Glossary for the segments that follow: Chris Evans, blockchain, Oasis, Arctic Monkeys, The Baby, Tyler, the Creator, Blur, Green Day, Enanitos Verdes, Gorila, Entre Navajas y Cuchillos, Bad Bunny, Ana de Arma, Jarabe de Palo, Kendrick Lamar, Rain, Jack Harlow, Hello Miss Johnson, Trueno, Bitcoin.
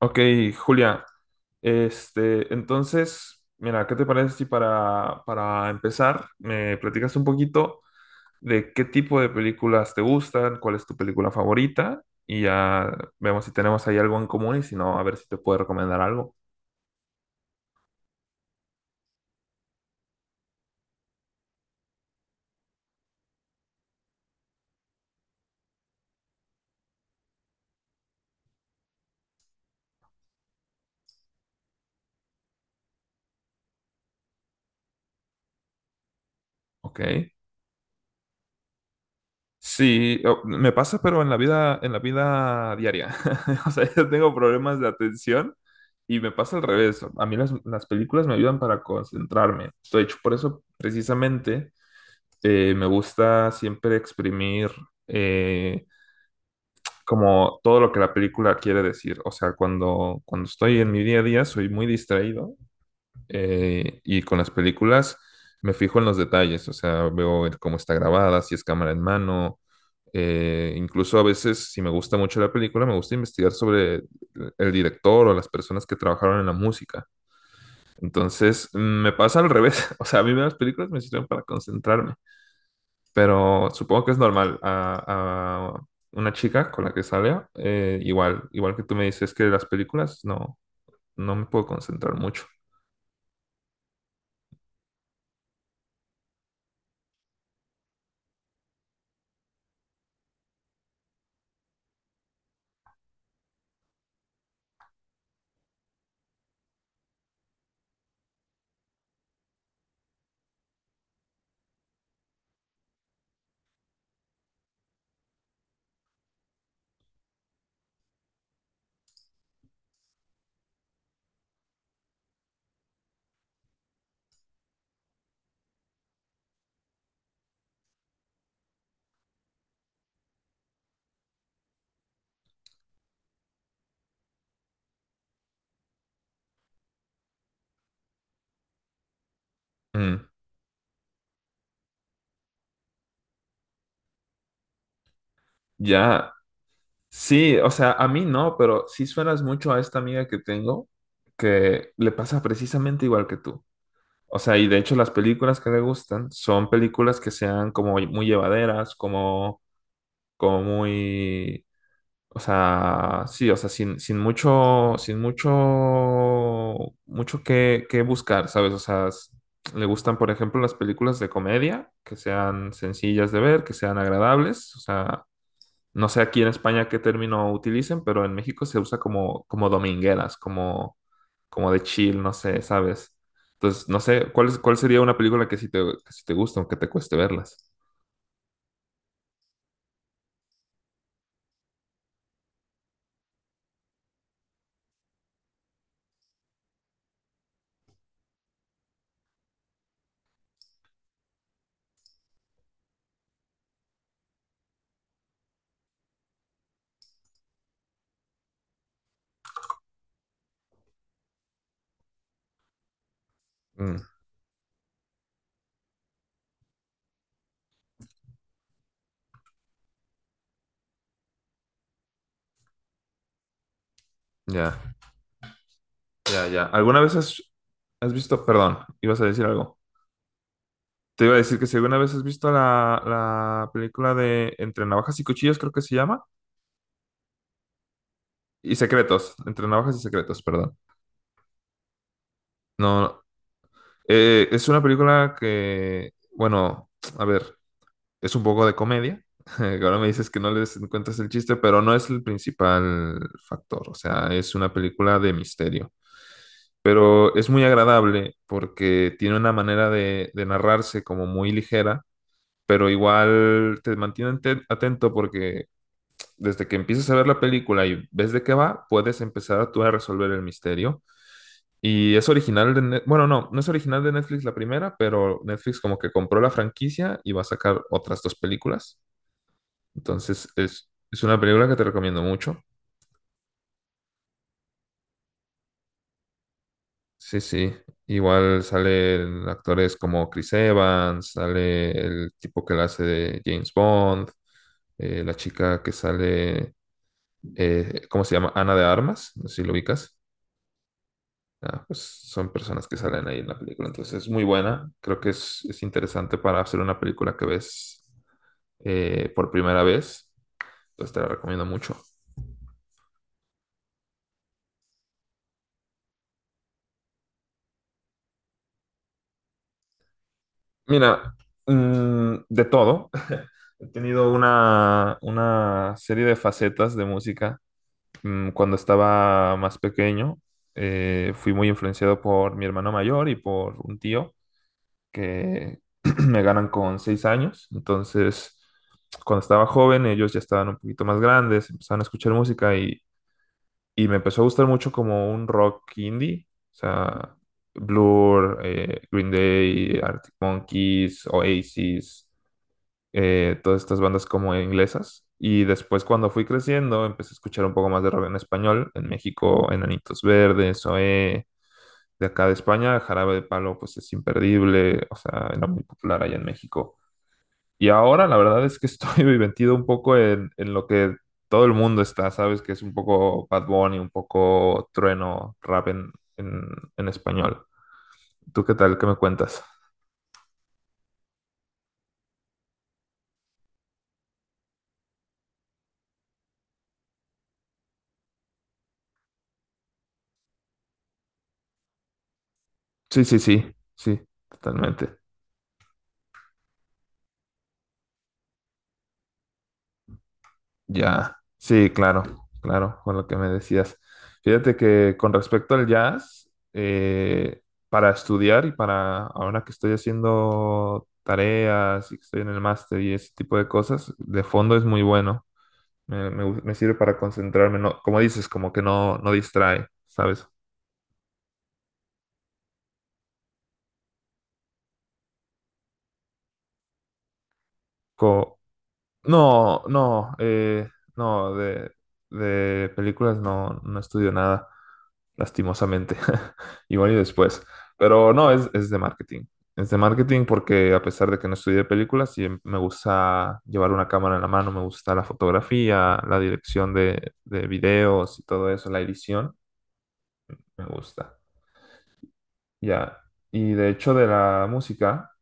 Ok, Julia, este, entonces, mira, ¿qué te parece si para empezar me platicas un poquito de qué tipo de películas te gustan, cuál es tu película favorita y ya vemos si tenemos ahí algo en común y si no, a ver si te puedo recomendar algo? Ok. Sí, me pasa, pero en la vida diaria. O sea, yo tengo problemas de atención y me pasa al revés. A mí las películas me ayudan para concentrarme. De hecho, por eso precisamente me gusta siempre exprimir eh, como todo lo que la película quiere decir. O sea, cuando estoy en mi día a día soy muy distraído y con las películas me fijo en los detalles. O sea, veo el cómo está grabada, si es cámara en mano. Incluso a veces, si me gusta mucho la película, me gusta investigar sobre el director o las personas que trabajaron en la música. Entonces, me pasa al revés. O sea, a mí las películas me sirven para concentrarme. Pero supongo que es normal a una chica con la que salga. Igual que tú me dices que las películas no, no me puedo concentrar mucho. Mm, ya, sí, o sea, a mí no, pero sí suenas mucho a esta amiga que tengo que le pasa precisamente igual que tú. O sea, y de hecho las películas que le gustan son películas que sean como muy llevaderas. Como, como muy O sea, sí, o sea, sin mucho que buscar, ¿sabes? O sea, le gustan, por ejemplo, las películas de comedia, que sean sencillas de ver, que sean agradables. O sea, no sé aquí en España qué término utilicen, pero en México se usa como domingueras, como de chill, no sé, ¿sabes? Entonces, no sé, ¿cuál sería una película que sí te gusta, aunque te cueste verlas? Mm, ya, ya, ya. ¿Alguna vez has visto, perdón, ibas a decir algo? Te iba a decir que si alguna vez has visto la película de Entre Navajas y Cuchillos, creo que se llama, y Secretos, Entre Navajas y Secretos, perdón. No, no. Es una película que, bueno, a ver, es un poco de comedia. Que ahora me dices que no les encuentras el chiste, pero no es el principal factor. O sea, es una película de misterio. Pero es muy agradable porque tiene una manera de narrarse como muy ligera, pero igual te mantiene atento porque desde que empiezas a ver la película y ves de qué va, puedes empezar tú a resolver el misterio. Y es original bueno, no, no es original de Netflix la primera, pero Netflix como que compró la franquicia y va a sacar otras dos películas. Entonces es una película que te recomiendo mucho. Sí, sí. Igual salen actores como Chris Evans, sale el tipo que la hace de James Bond, la chica que sale, ¿cómo se llama? Ana de Armas, no sé si lo ubicas. Ah, pues son personas que salen ahí en la película, entonces es muy buena. Creo que es interesante para hacer una película que ves por primera vez. Entonces te la recomiendo mucho. Mira, de todo. He tenido una serie de facetas de música. Cuando estaba más pequeño, fui muy influenciado por mi hermano mayor y por un tío, que me ganan con 6 años. Entonces, cuando estaba joven, ellos ya estaban un poquito más grandes, empezaban a escuchar música y me empezó a gustar mucho como un rock indie, o sea, Blur, Green Day, Arctic Monkeys, Oasis, todas estas bandas como inglesas. Y después cuando fui creciendo, empecé a escuchar un poco más de rock en español, en México, Enanitos Verdes, OE, de acá de España, Jarabe de Palo, pues es imperdible, o sea, era muy popular allá en México. Y ahora la verdad es que estoy metido un poco en lo que todo el mundo está, ¿sabes? Que es un poco Bad Bunny, un poco trueno, rap en español. ¿Tú qué tal? ¿Qué me cuentas? Sí, sí, sí, sí, totalmente. Ya, sí, claro, claro, con lo que me decías. Fíjate que con respecto al jazz, para estudiar y para ahora que estoy haciendo tareas y que estoy en el máster y ese tipo de cosas, de fondo es muy bueno. Me sirve para concentrarme, no, como dices, como que no, no distrae, ¿sabes? Co- No, no, no, de películas no, no estudio nada, lastimosamente. Igual y después. Pero no, es de marketing. Es de marketing porque a pesar de que no estudié películas, sí me gusta llevar una cámara en la mano, me gusta la fotografía, la dirección de videos y todo eso, la edición, me gusta. Ya. Y de hecho de la música.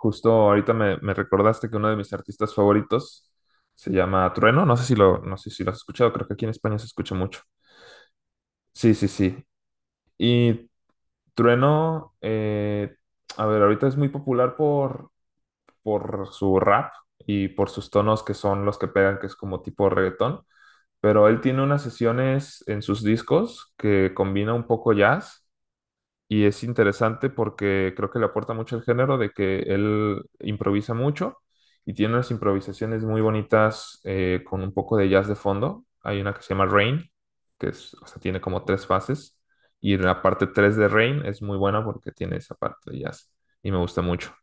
Justo ahorita me recordaste que uno de mis artistas favoritos se llama Trueno. No sé si lo has escuchado, creo que aquí en España se escucha mucho. Sí, sí, sí. Y Trueno, a ver, ahorita es muy popular por su rap y por sus tonos que son los que pegan, que es como tipo reggaetón. Pero él tiene unas sesiones en sus discos que combina un poco jazz. Y es interesante porque creo que le aporta mucho al género de que él improvisa mucho y tiene unas improvisaciones muy bonitas con un poco de jazz de fondo. Hay una que se llama Rain, que es, o sea, tiene como tres fases. Y la parte 3 de Rain es muy buena porque tiene esa parte de jazz y me gusta mucho.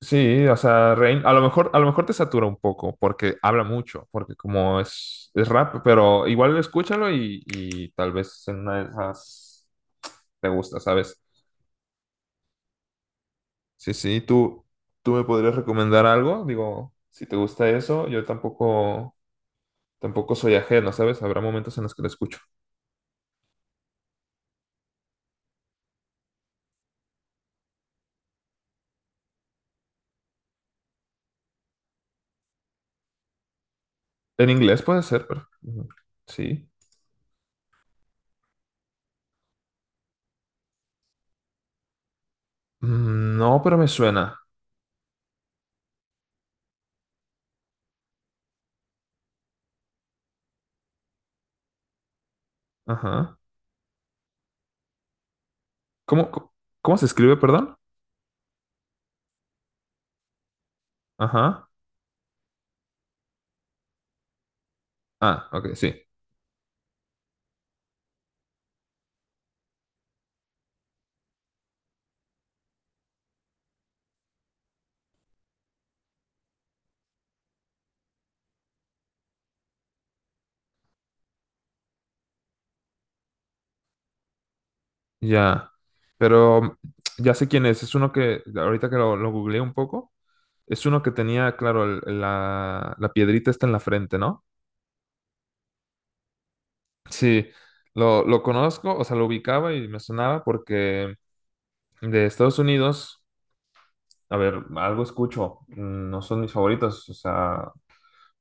Sí, o sea, Rain, a lo mejor te satura un poco porque habla mucho, porque como es rap, pero igual escúchalo y, tal vez en una de esas te gusta, ¿sabes? Sí, sí, tú me podrías recomendar algo, digo, si te gusta eso, yo tampoco, tampoco soy ajeno, ¿sabes? Habrá momentos en los que lo escucho. En inglés puede ser, pero ujú, sí. Mm, no, pero me suena. Ajá. ¿Cómo, co- cómo se escribe, perdón? Ajá. Ah, ok, sí. Ya. Pero ya sé quién es. Es uno que, ahorita que lo googleé un poco, es uno que tenía, claro, la piedrita está en la frente, ¿no? Sí, lo conozco, o sea, lo ubicaba y me sonaba porque de Estados Unidos, a ver, algo escucho, no son mis favoritos, o sea,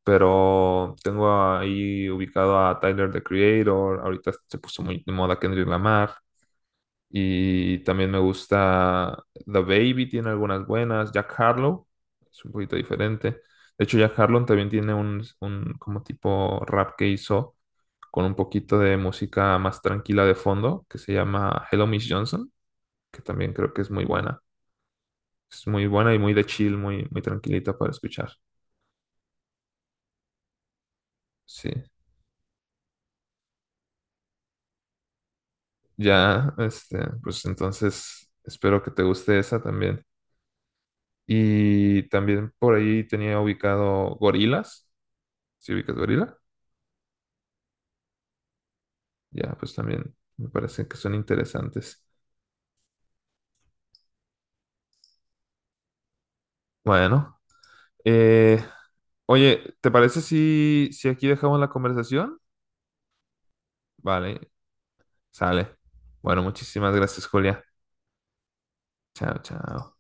pero tengo ahí ubicado a Tyler, the Creator, ahorita se puso muy de moda Kendrick Lamar, y también me gusta The Baby, tiene algunas buenas. Jack Harlow, es un poquito diferente. De hecho, Jack Harlow también tiene un como tipo rap que hizo con un poquito de música más tranquila de fondo, que se llama Hello Miss Johnson, que también creo que es muy buena. Es muy buena y muy de chill, muy, muy tranquilita para escuchar. Sí. Ya, este, pues entonces espero que te guste esa también. Y también por ahí tenía ubicado Gorilas. ¿Sí ubicas gorila? Ya, pues también me parecen que son interesantes. Bueno, eh, oye, ¿te parece si, aquí dejamos la conversación? Vale, sale. Bueno, muchísimas gracias, Julia. Chao, chao.